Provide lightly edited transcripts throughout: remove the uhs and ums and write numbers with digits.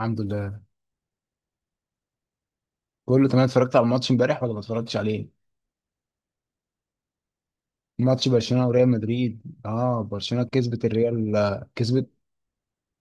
الحمد لله، كله تمام. اتفرجت على الماتش امبارح ولا ما اتفرجتش عليه؟ ماتش برشلونة وريال مدريد. اه، برشلونة كسبت الريال. كسبت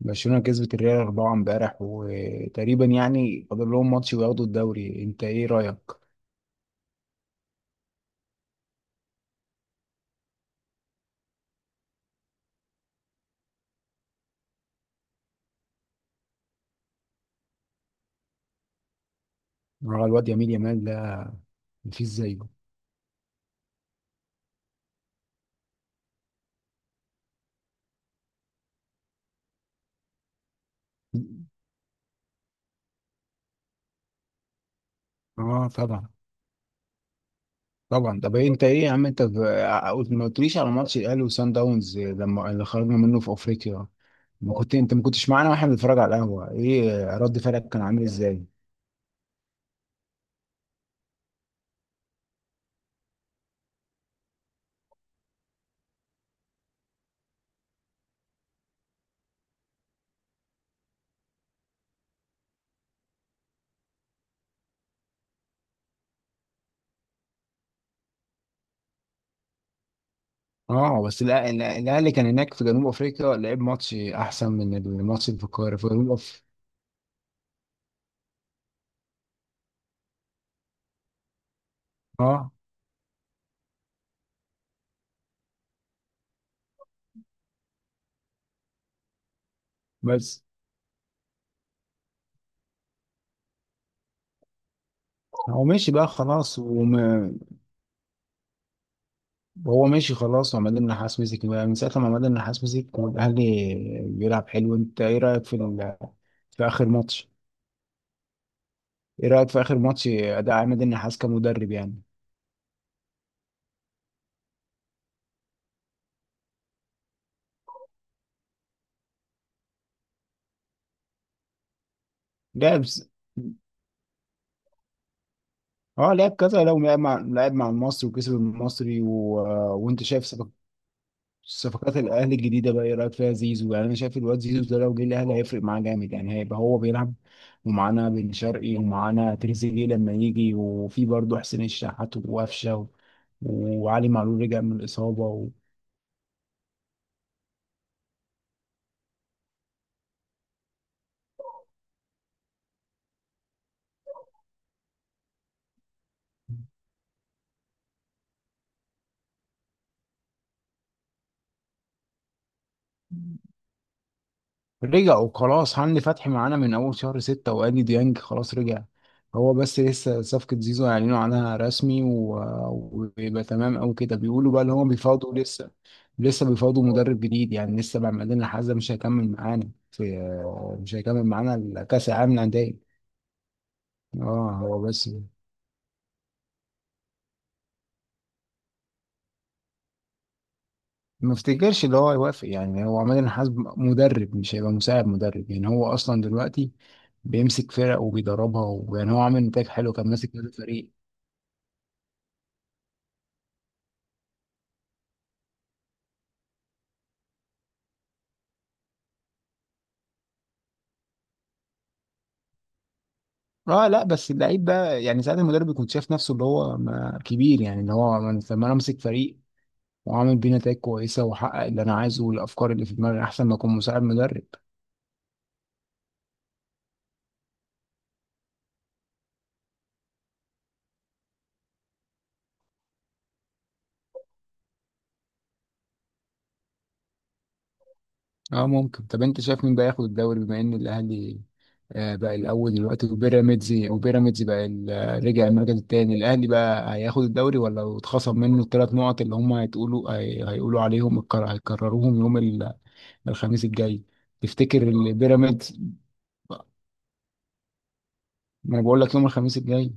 برشلونة كسبت الريال 4 امبارح، وتقريبا يعني فاضل لهم ماتش وياخدوا الدوري. انت ايه رأيك؟ اه، الواد يمين يامال ده مفيش زيه. اه، طبعا طبعا. طب إيه؟ انت ايه يا عم؟ انت ما قلتليش على ماتش الاهلي وسان داونز لما اللي خرجنا منه في افريقيا. ما كنت انت ما كنتش معانا واحنا بنتفرج على القهوة، ايه رد فعلك كان عامل ازاي؟ اه، بس الاهلي كان هناك في جنوب افريقيا، لعب ماتش احسن من الماتش اللي في القاهره، في جنوب. اه، بس هو ماشي بقى خلاص. وهو ماشي خلاص، وعماد النحاس مسك بقى. من ساعه ما عماد النحاس مسك والاهلي بيلعب حلو. انت ايه رايك في اخر ماتش؟ ايه رايك في اخر ماتش اداء عماد النحاس كمدرب يعني؟ لعب س- اه، لعب كذا. لو لعب مع المصري وكسب المصري. وانت شايف صفقات الاهلي الجديده بقى، ايه رايك فيها؟ زيزو يعني، انا شايف الواد زيزو ده لو جه الاهلي هيفرق معاه جامد يعني، هيبقى هو بيلعب. ومعانا بن شرقي، ومعانا تريزيجيه لما يجي، وفي برضه حسين الشحات وقفشه، و- وعلي معلول رجع من الاصابه. رجع وخلاص. هاني فتحي معانا من اول شهر 6، وادي ديانج خلاص رجع. هو بس لسه صفقة زيزو هيعلنوا عنها رسمي و- ويبقى تمام او كده. بيقولوا بقى ان هو بيفاوضوا لسه. لسه بيفاوضوا مدرب جديد يعني لسه بقى بعدين، لحد مش هيكمل معانا في مش هيكمل معانا كاس العالم للانديه. اه، هو بس ما افتكرش ان هو يوافق يعني. هو عماد النحاس مدرب، مش هيبقى مساعد مدرب يعني. هو اصلا دلوقتي بيمسك فرق وبيدربها، ويعني هو عامل نتائج حلو، كان ماسك كذا فريق. اه، لا. بس اللعيب ده يعني، ساعات المدرب بيكون شايف نفسه اللي هو كبير يعني. اللي هو لما انا امسك فريق وعامل بيه نتائج كويسه واحقق اللي انا عايزه والافكار اللي في دماغي، احسن ما اكون مساعد مدرب. اه، ممكن. طب انت شايف مين بقى ياخد الدوري بما ان الاهلي بقى الاول دلوقتي؟ وبيراميدز بقى رجع المركز الثاني. الاهلي بقى هياخد الدوري ولا اتخصم منه الثلاث نقط اللي هم هيتقولوا هيقولوا عليهم هيكرروهم يوم الخميس الجاي؟ تفتكر البيراميدز؟ ما انا بقول لك يوم الخميس الجاي.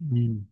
مم.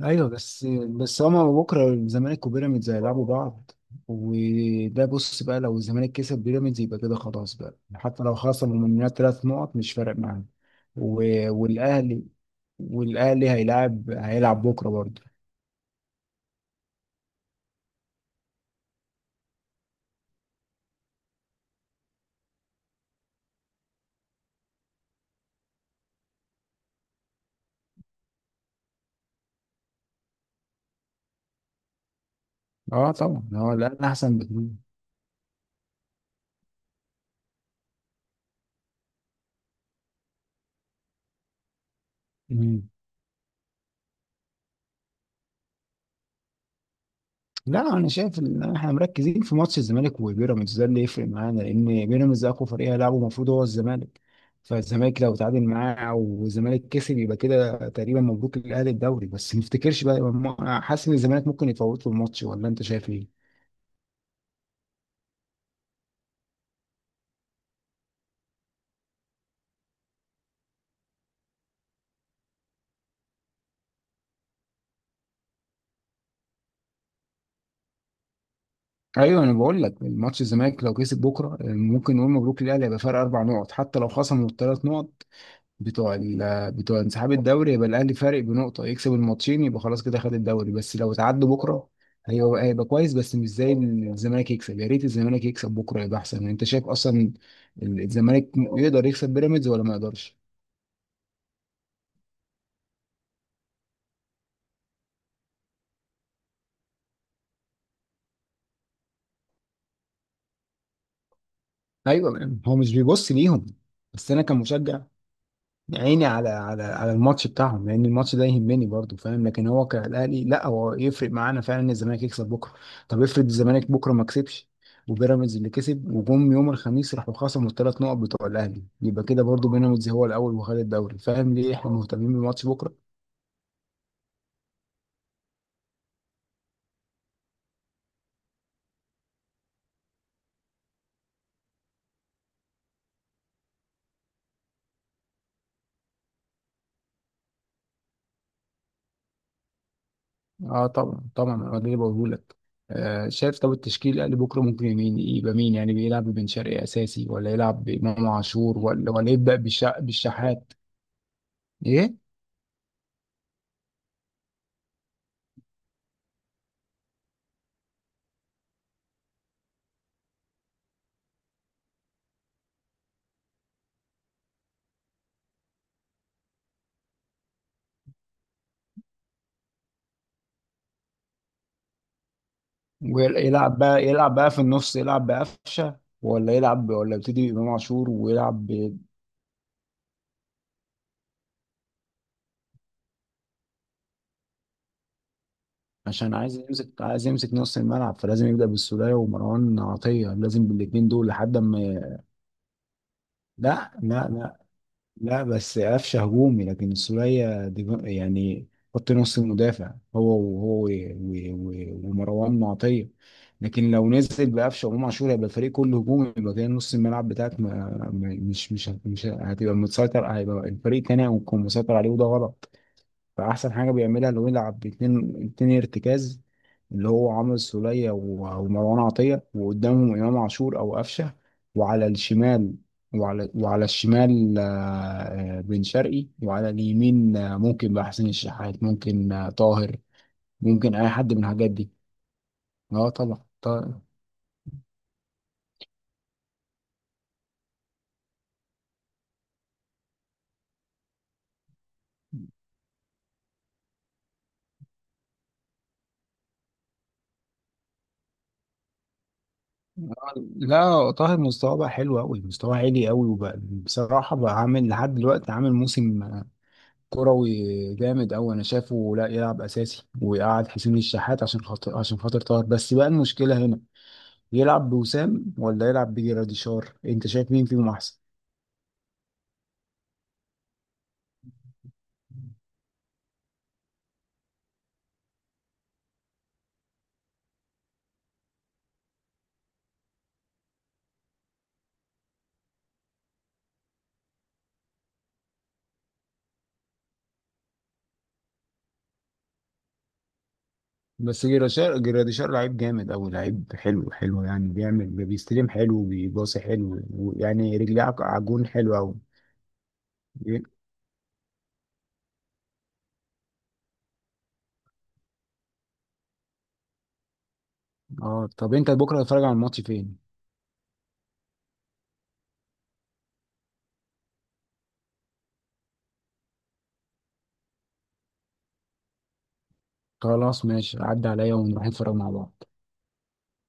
ايوه. بس هما بكره الزمالك وبيراميدز هيلعبوا بعض. وده بص بقى، لو الزمالك كسب بيراميدز يبقى كده خلاص بقى، حتى لو خسر من ثلاث نقط مش فارق معاه. و- والاهلي والاهلي هيلعب بكره برضه. اه، طبعا. هو الاهلي احسن بكتير. لا، انا شايف ان احنا مركزين في ماتش الزمالك وبيراميدز ده، اللي يفرق معانا لان بيراميدز اقوى فريق هيلعبه المفروض هو الزمالك. فالزمالك لو تعادل معاه والزمالك كسب يبقى كده تقريبا مبروك للاهلي الدوري. بس ما افتكرش بقى، حاسس ان الزمالك ممكن يتفوت في الماتش، ولا انت شايف ايه؟ ايوه، انا بقول لك الماتش الزمالك لو كسب بكره ممكن نقول مبروك للاهلي، هيبقى فرق اربع نقط حتى لو خصموا الثلاث نقط بتوع بتوع انسحاب الدوري، يبقى الاهلي فارق بنقطه، يكسب الماتشين يبقى خلاص كده خد الدوري. بس لو اتعدوا بكره هيبقى كويس، بس مش زي إن الزمالك يكسب. يا ريت الزمالك يكسب بكره يبقى احسن يعني. انت شايف اصلا الزمالك يقدر يكسب بيراميدز ولا ما يقدرش؟ ايوه، هو مش بيبص ليهم. بس انا كمشجع، عيني على الماتش بتاعهم، لان الماتش ده يهمني برضو، فاهم؟ لكن هو كالاهلي، لا هو يفرق معانا فعلا ان الزمالك يكسب بكره. طب افرض الزمالك بكره ما كسبش، وبيراميدز اللي كسب، وجم يوم الخميس راحوا خصموا الثلاث نقط بتوع الاهلي، يبقى كده برضو بيراميدز هو الاول وخد الدوري. فاهم ليه احنا مهتمين بالماتش بكره؟ اه، طبعا طبعا. انا ده اللي بقوله لك. شايف؟ طب التشكيل الاهلي بكره، ممكن يبقى مين يعني بيلعب؟ ببن شرقي اساسي، ولا يلعب بامام عاشور، ولا يبدا بالشحات؟ ايه، ويلعب بقى يلعب بقى في النص. يلعب بقفشه، ولا يلعب، ولا يبتدي بامام عاشور ويلعب. عشان عايز يمسك نص الملعب، فلازم يبدا بالسوليه ومروان عطيه، لازم بالاثنين دول لحد ما. لا، لا، لا، لا. بس قفشه هجومي، لكن سوريا يعني خط نص المدافع هو ومروان معطيه. لكن لو نزل بقفشه وامام عاشور هيبقى الفريق كله هجومي، يبقى كده نص الملعب بتاعك مش هتبقى متسيطر، هيبقى الفريق التاني هيكون مسيطر عليه، وده غلط. فأحسن حاجة بيعملها لو يلعب باتنين، اتنين ارتكاز، اللي هو عمرو السولية و- ومروان عطية، وقدامهم إمام عاشور أو قفشة. وعلى الشمال، وعلى الشمال، بن شرقي. وعلى اليمين ممكن بقى حسين الشحات، ممكن طاهر، ممكن أي حد من الحاجات دي. اه، طبعا، طاهر. لا، طاهر مستواه بقى حلو أوي، مستواه عالي أوي. وبقى بصراحة بقى عامل لحد دلوقتي عامل موسم كروي جامد أوي. أنا شايفه لا، يلعب أساسي ويقعد حسين الشحات عشان خاطر، طاهر. بس بقى المشكلة هنا، يلعب بوسام ولا يلعب بجراديشار؟ أنت شايف مين فيهم أحسن؟ بس جراديشار لعيب جامد أوي، لعيب حلو حلو يعني، بيعمل، بيستلم حلو وبيباصي حلو، ويعني رجليه عجون حلو أوي. إيه؟ اه، طب أنت بكرة هتتفرج على الماتش فين؟ خلاص ماشي، عدى عليا ونروح نتفرج مع بعض.